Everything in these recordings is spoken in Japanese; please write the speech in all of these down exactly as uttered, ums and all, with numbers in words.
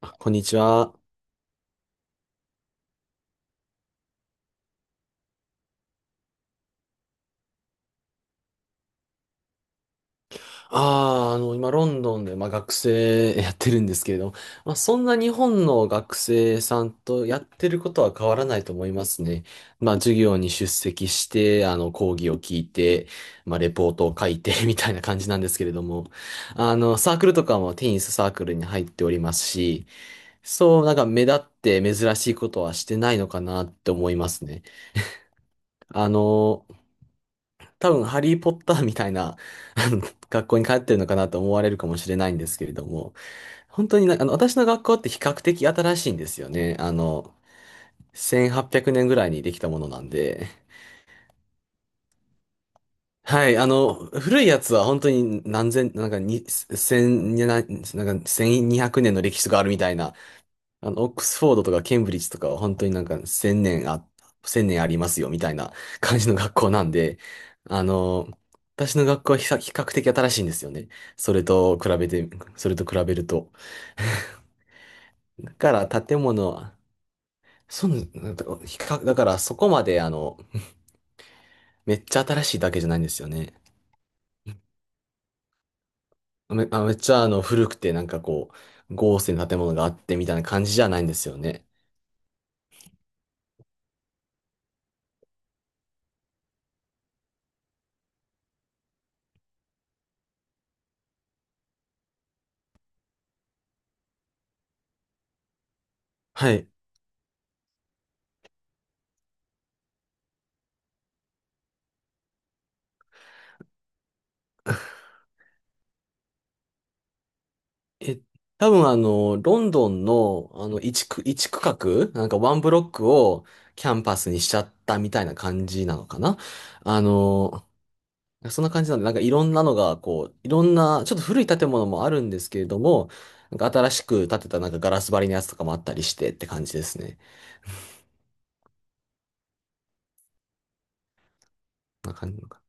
あこんにちは。ああ、あの、今、ロンドンで、まあ、学生やってるんですけれども、まあ、そんな日本の学生さんとやってることは変わらないと思いますね。まあ、授業に出席して、あの、講義を聞いて、まあ、レポートを書いて みたいな感じなんですけれども、あの、サークルとかもテニスサークルに入っておりますし、そう、なんか目立って珍しいことはしてないのかなって思いますね。あの、多分、ハリー・ポッターみたいな、あの、学校に通ってるのかなと思われるかもしれないんですけれども、本当になあの、私の学校って比較的新しいんですよね。あの、せんはっぴゃくねんぐらいにできたものなんで、はい、あの、古いやつは本当に何千、なんかに、千、ななんかせんにひゃくねんの歴史があるみたいな。あの、オックスフォードとかケンブリッジとかは本当になんか千年あ、千年ありますよみたいな 感じの学校なんで、あの、私の学校は比較比較的新しいんですよね。それと比べて、それと比べると。だから建物、そう、なんだ比較、だからそこまであの、めっちゃ新しいだけじゃないんですよね。め、あ、めっちゃあの、古くてなんかこう、豪勢な建物があってみたいな感じじゃないんですよね。はい。え、多分あの、ロンドンの、あの、一区、一区画、なんかワンブロックをキャンパスにしちゃったみたいな感じなのかな？あの、そんな感じなんで、なんかいろんなのが、こう、いろんな、ちょっと古い建物もあるんですけれども、なんか新しく建てたなんかガラス張りのやつとかもあったりしてって感じですね。なんな感じのか、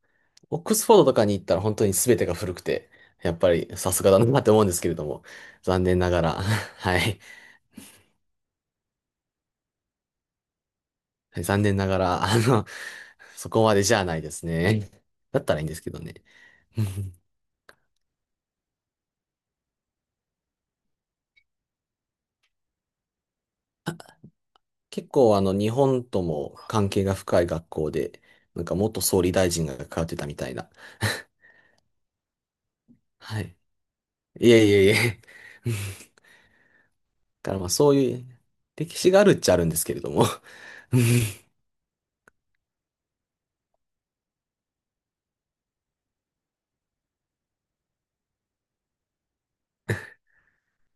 オックスフォードとかに行ったら本当に全てが古くて、やっぱりさすがだなって思うんですけれども、残念ながら、はい。はい、残念ながら、あの、そこまでじゃないですね。だったらいいんですけどね。うん、結構あの、日本とも関係が深い学校で、なんか元総理大臣が通ってたみたいな。はい。いえいえいえ。うん、だからまあそういう、歴史があるっちゃあるんですけれども。うん、い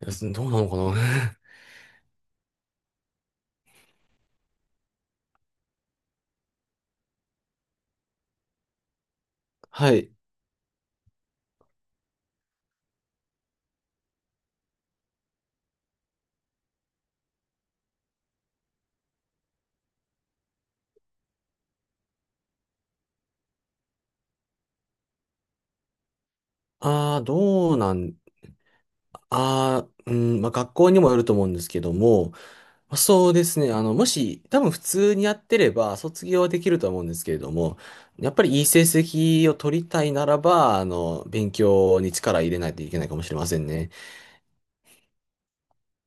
や、どうなのかな？ はい。ああ、どうなん、ああ、うん、まあ学校にもよると思うんですけども、そうですね。あの、もし、多分普通にやってれば、卒業はできるとは思うんですけれども、やっぱりいい成績を取りたいならば、あの、勉強に力入れないといけないかもしれませんね。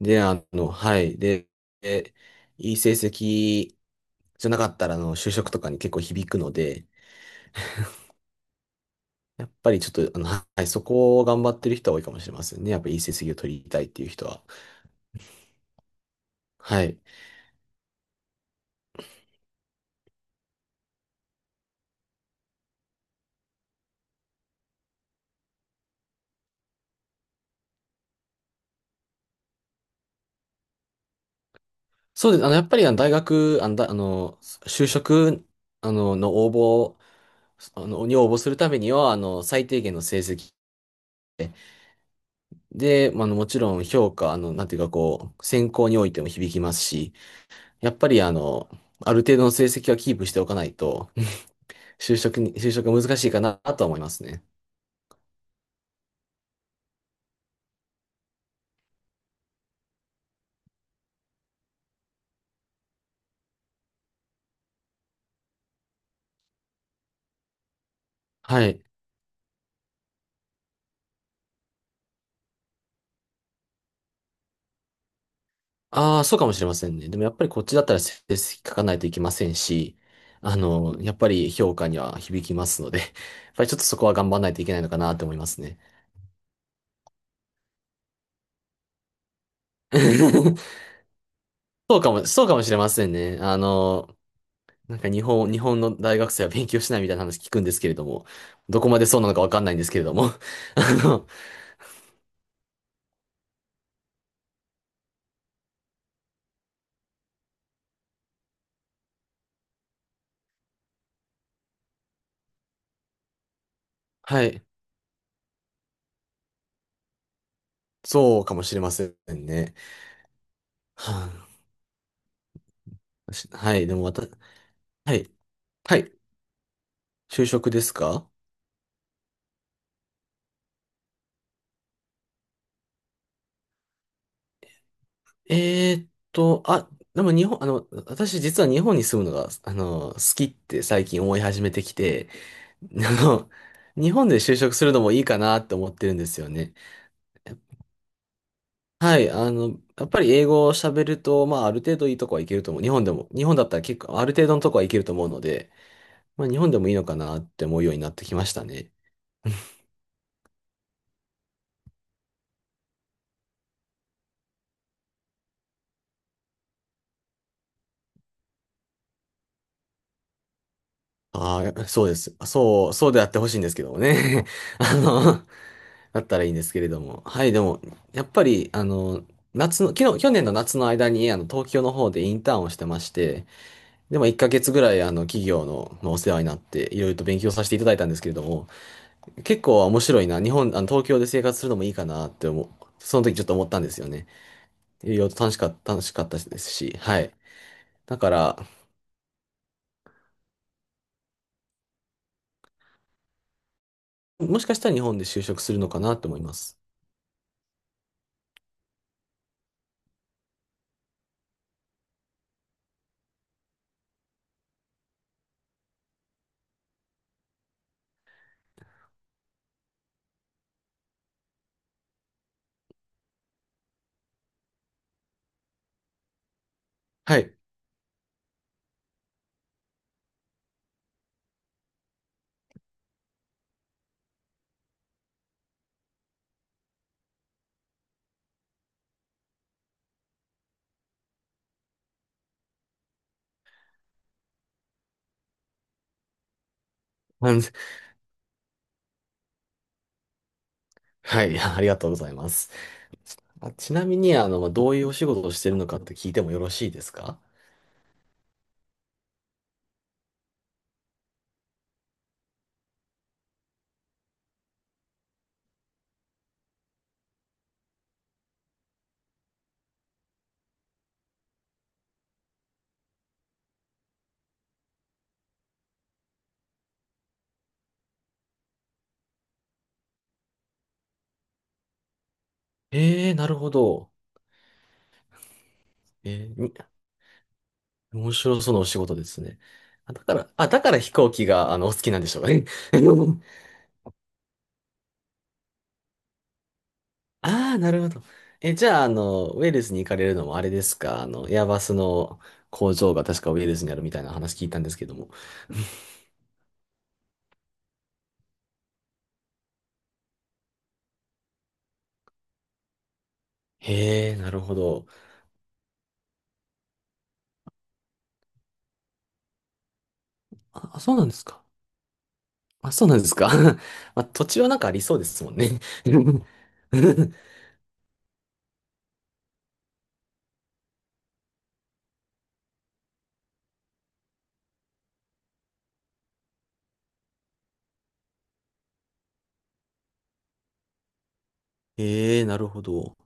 で、あの、はい。で、でいい成績じゃなかったら、あの、就職とかに結構響くので、やっぱりちょっと、あの、はい、そこを頑張ってる人は多いかもしれませんね。やっぱりいい成績を取りたいっていう人は。はい。そうです。あの、やっぱりあの大学、あの、だあの就職、あの、の応募あの、に応募するためには、あの、最低限の成績で、まあ、あの、もちろん評価、あの、なんていうかこう、選考においても響きますし、やっぱりあの、ある程度の成績はキープしておかないと、就職に、就職が難しいかなとは思いますね。はい。ああ、そうかもしれませんね。でもやっぱりこっちだったら成績書かないといけませんし、あの、やっぱり評価には響きますので、やっぱりちょっとそこは頑張らないといけないのかなと思いますね。そうかも、そうかもしれませんね。あの、なんか日本、日本の大学生は勉強しないみたいな話聞くんですけれども、どこまでそうなのかわかんないんですけれども。あの、はい。そうかもしれませんね。はあ、しはい。でも私、はい。はい。就職ですか？えーっと、あ、でも日本、あの、私実は日本に住むのが、あの、好きって最近思い始めてきて、あの、日本で就職するのもいいかなって思ってるんですよね。はい、あの、やっぱり英語を喋ると、まあ、ある程度いいとこはいけると思う。日本でも、日本だったら結構、ある程度のとこはいけると思うので、まあ、日本でもいいのかなって思うようになってきましたね。ああ、そうです。そう、そうであってほしいんですけどもね。あの、だったらいいんですけれども。はい、でも、やっぱり、あの、夏の、昨日、去年の夏の間に、あの、東京の方でインターンをしてまして、でもいっかげつぐらい、あの、企業の、まあお世話になって、いろいろと勉強させていただいたんですけれども、結構面白いな。日本、あの、東京で生活するのもいいかなって思う。その時ちょっと思ったんですよね。いろいろと楽しかった、楽しかったですし、はい。だから、もしかしたら日本で就職するのかなと思います。はい。あのはい、ありがとうございます。あ、ちなみに、あの、まあどういうお仕事をしてるのかって聞いてもよろしいですか？ええー、なるほど。えー、に面白そうなお仕事ですね。あだから、あ、だから飛行機が、あの、お好きなんでしょうかね。ああ、なるほど。え、じゃあ、あの、ウェールズに行かれるのもあれですか？あの、エアバスの工場が確かウェールズにあるみたいな話聞いたんですけども。へえ、なるほど。あ、そうなんですか。あ、そうなんですか。まあ、土地はなんかありそうですもんね。ええ、なるほど。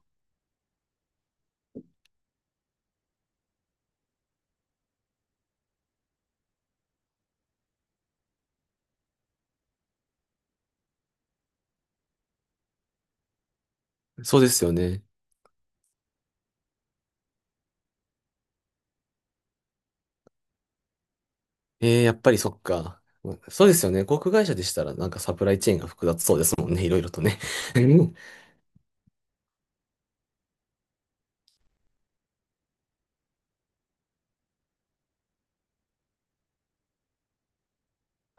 そうですよね。ええ、やっぱりそっか。そうですよね。航空会社でしたらなんかサプライチェーンが複雑そうですもんね。いろいろとね。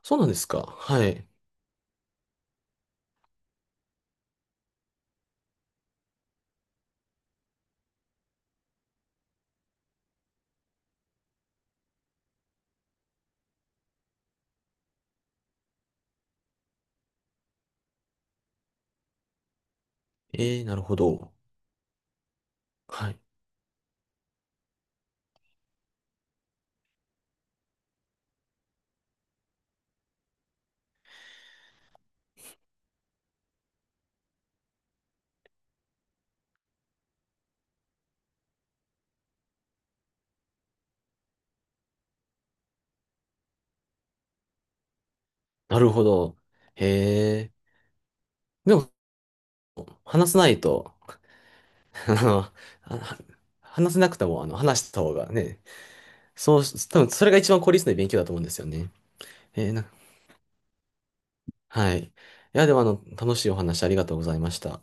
そうなんですか。はい。ええ、なるほど。はい、なるほど。へえ。でも、話さないと、あの、あ話せなくても、あの、話した方がね、そうし、多分それが一番効率のいい勉強だと思うんですよね。えーな、はい。いや、でも、あの、楽しいお話ありがとうございました。